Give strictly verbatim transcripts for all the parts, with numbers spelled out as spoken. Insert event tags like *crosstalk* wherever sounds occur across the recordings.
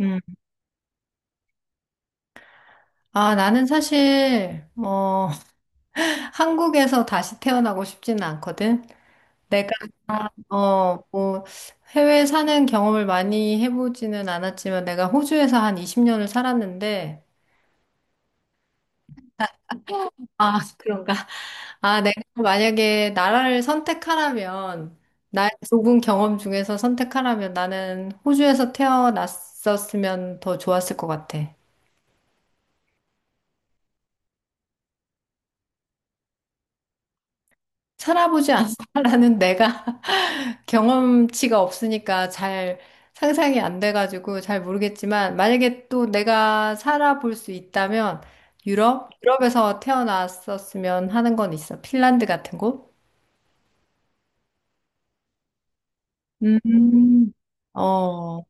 음. 아, 나는 사실, 어, *laughs* 한국에서 다시 태어나고 싶지는 않거든. 내가, 어, 뭐, 해외 사는 경험을 많이 해보지는 않았지만, 내가 호주에서 한 이십 년을 살았는데, 아, *laughs* 그런가? 아, 내가 만약에 나라를 선택하라면, 나의 좁은 경험 중에서 선택하라면 나는 호주에서 태어났었으면 더 좋았을 것 같아. 살아보지 않았다라는 내가. 경험치가 없으니까 잘 상상이 안 돼가지고 잘 모르겠지만 만약에 또 내가 살아볼 수 있다면 유럽? 유럽에서 태어났었으면 하는 건 있어. 핀란드 같은 곳? 음. 어.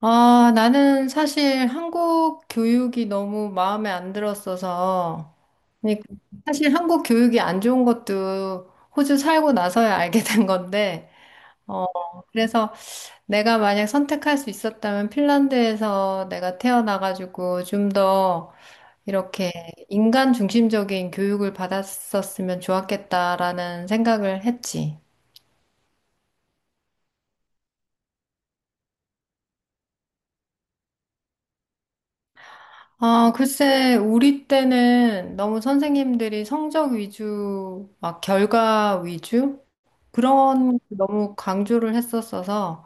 아, 나는 사실 한국 교육이 너무 마음에 안 들었어서 니 사실 한국 교육이 안 좋은 것도 호주 살고 나서야 알게 된 건데 어, 그래서 내가 만약 선택할 수 있었다면 핀란드에서 내가 태어나가지고 좀 더 이렇게 인간 중심적인 교육을 받았었으면 좋았겠다라는 생각을 했지. 아, 글쎄, 우리 때는 너무 선생님들이 성적 위주, 막 결과 위주? 그런 걸 너무 강조를 했었어서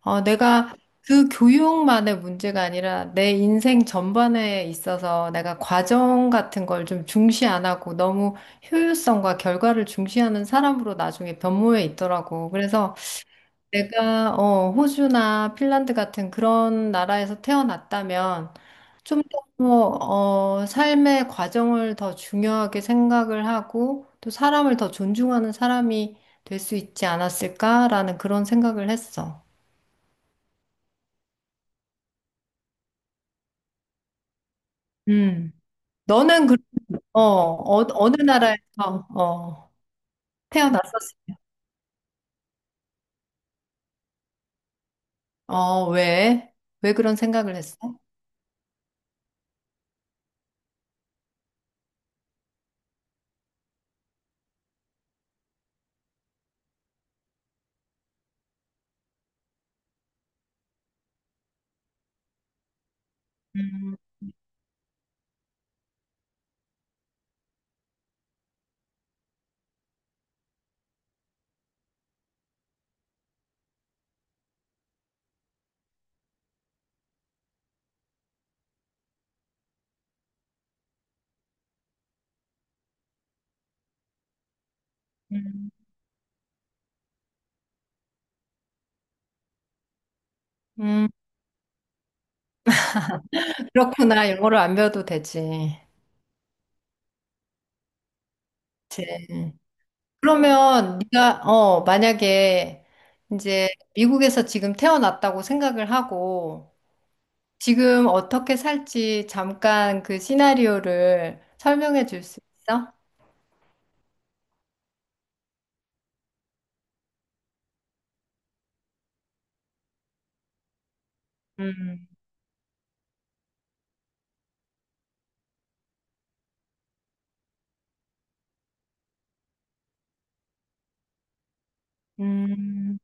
어, 내가 그 교육만의 문제가 아니라 내 인생 전반에 있어서 내가 과정 같은 걸 좀 중시 안 하고 너무 효율성과 결과를 중시하는 사람으로 나중에 변모해 있더라고. 그래서 내가 어, 호주나 핀란드 같은 그런 나라에서 태어났다면 좀 더, 어, 어, 삶의 과정을 더 중요하게 생각을 하고 또 사람을 더 존중하는 사람이 될 수 있지 않았을까라는 그런 생각을 했어. 음. 너는 그, 어, 어, 어느 나라에서 어, 태어났었어? 어, 왜? 왜 그런 생각을 했어? 음, 음, 음, 그렇구나. 영어를 안 배워도 되지. 그치. 그러면 네가 어, 만약에 이제 미국에서 지금 태어났다고 생각을 하고 지금 어떻게 살지 잠깐 그 시나리오를 설명해 줄 수 있어? 음, 음,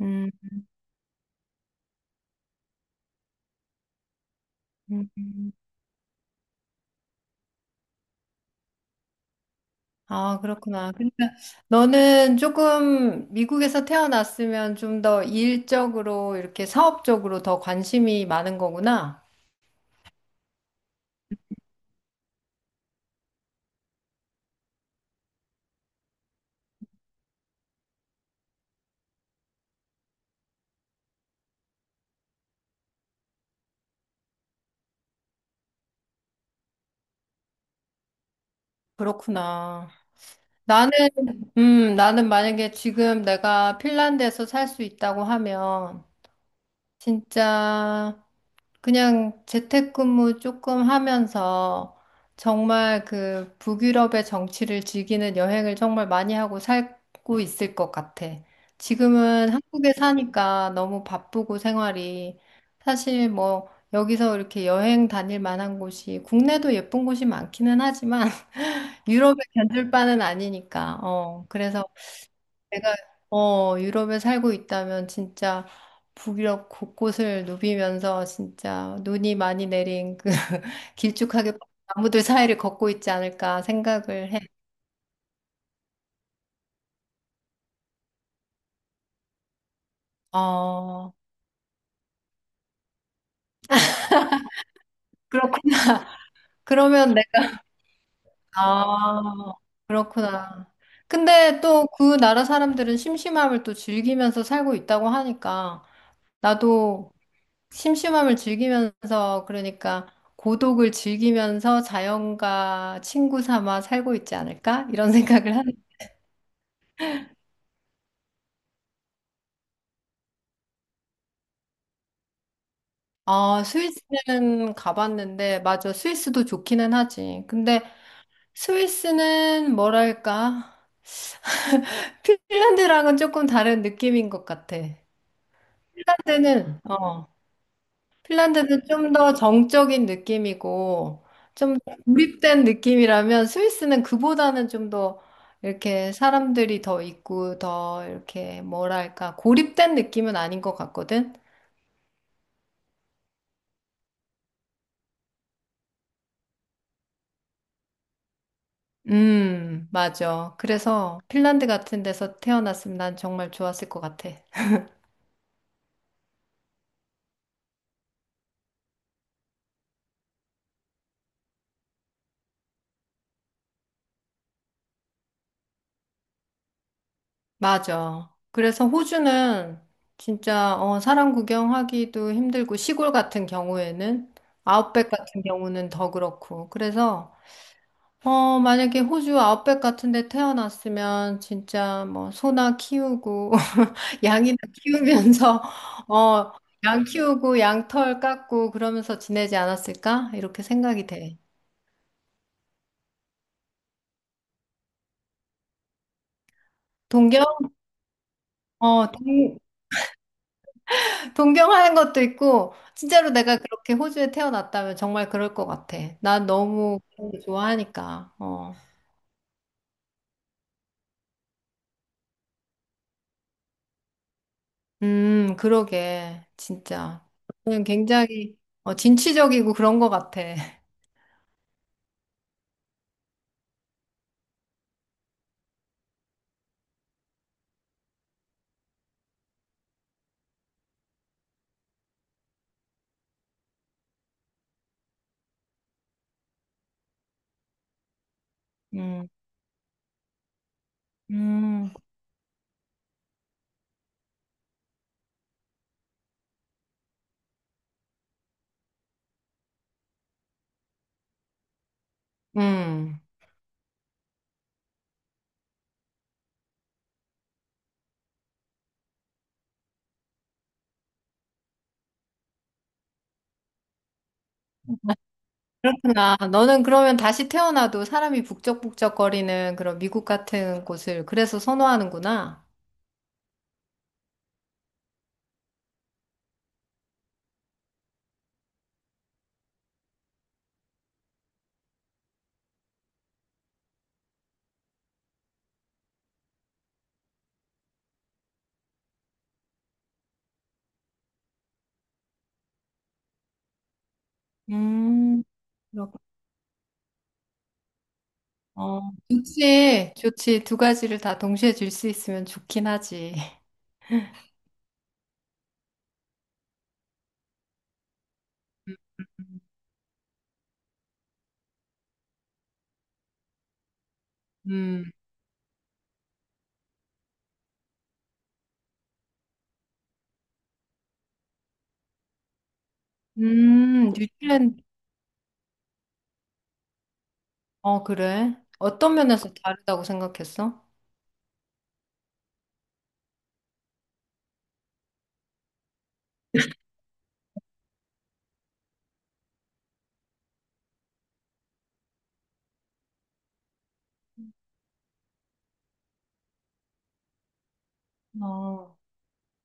음, 음. 음. 아, 그렇구나. 그러니까 너는 조금 미국에서 태어났으면 좀 더 일적으로 이렇게 사업적으로 더 관심이 많은 거구나. 그렇구나. 나는, 음, 나는 만약에 지금 내가 핀란드에서 살 수 있다고 하면 진짜 그냥 재택근무 조금 하면서 정말 그 북유럽의 정치를 즐기는 여행을 정말 많이 하고 살고 있을 것 같아. 지금은 한국에 사니까 너무 바쁘고 생활이 사실 뭐 여기서 이렇게 여행 다닐 만한 곳이 국내도 예쁜 곳이 많기는 하지만 *laughs* 유럽에 견줄 바는 아니니까. 어, 그래서 내가 어, 유럽에 살고 있다면 진짜 북유럽 곳곳을 누비면서 진짜 눈이 많이 내린 그 *laughs* 길쭉하게 뻗은 나무들 사이를 걷고 있지 않을까 생각을 해. 어, 그렇군. 그러면 내가, 아, 그렇구나. 근데 또 그 나라 사람들은 심심함을 또 즐기면서 살고 있다고 하니까 나도 심심함을 즐기면서 그러니까 고독을 즐기면서 자연과 친구 삼아 살고 있지 않을까? 이런 *laughs* 생각을 하는. 아, 스위스는 가봤는데 맞아. 스위스도 좋기는 하지. 근데 스위스는 뭐랄까? *laughs* 핀란드랑은 조금 다른 느낌인 것 같아. 핀란드는 어, 핀란드는 좀 더 정적인 느낌이고 좀더 고립된 느낌이라면 스위스는 그보다는 좀 더 이렇게 사람들이 더 있고 더 이렇게 뭐랄까 고립된 느낌은 아닌 것 같거든. 음, 맞아. 그래서 핀란드 같은 데서 태어났으면 난 정말 좋았을 것 같아. 맞아. 그래서 호주는 진짜 어, 사람 구경하기도 힘들고 시골 같은 경우에는 아웃백 같은 경우는 더 그렇고 그래서 어, 만약에 호주 아웃백 같은 데 태어났으면 진짜 뭐 소나 키우고 *laughs* 양이나 키우면서 어, 양 키우고 양털 깎고 그러면서 지내지 않았을까? 이렇게 생각이 돼. 동경? 어, 동, 동경하는 것도 있고 진짜로 내가 그렇게 호주에 태어났다면 정말 그럴 것 같아. 난 너무 그런 거 좋아하니까. 어. 음, 그러게. 진짜. 그냥 굉장히 어, 진취적이고 그런 것 같아. 음. 음. 음. 그렇구나. 너는 그러면 다시 태어나도 사람이 북적북적거리는 그런 미국 같은 곳을 그래서 선호하는구나. 음, 그렇 어, 좋지. 좋지. 두 가지를 다 동시에 줄 수 있으면 좋긴 하지. 음, 음, 뉴질랜드. 어, 그래. 어떤 면에서 다르다고 생각했어? 어.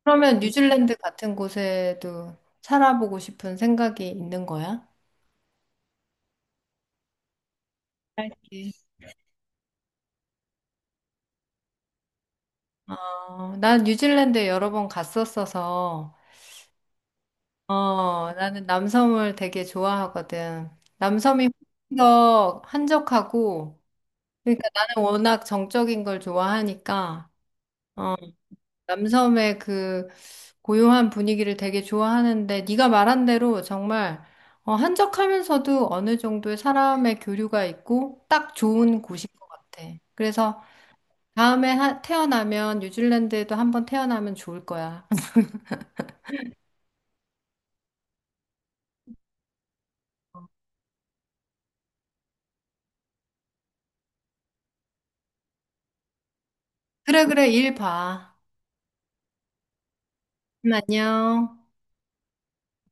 그러면 뉴질랜드 같은 곳에도 살아보고 싶은 생각이 있는 거야? 어, 난 뉴질랜드 여러 번 갔었어서, 어, 나는 남섬을 되게 좋아하거든. 남섬이 훨씬 더 한적하고, 그러니까 나는 워낙 정적인 걸 좋아하니까, 어, 남섬의 그 고요한 분위기를 되게 좋아하는데, 네가 말한 대로 정말, 어, 한적하면서도 어느 정도의 사람의 교류가 있고, 딱 좋은 곳인 것 같아. 그래서 다음에 하- 태어나면, 뉴질랜드에도 한번 태어나면 좋을 거야. 그래, 그래, 일 봐. 음, 안녕.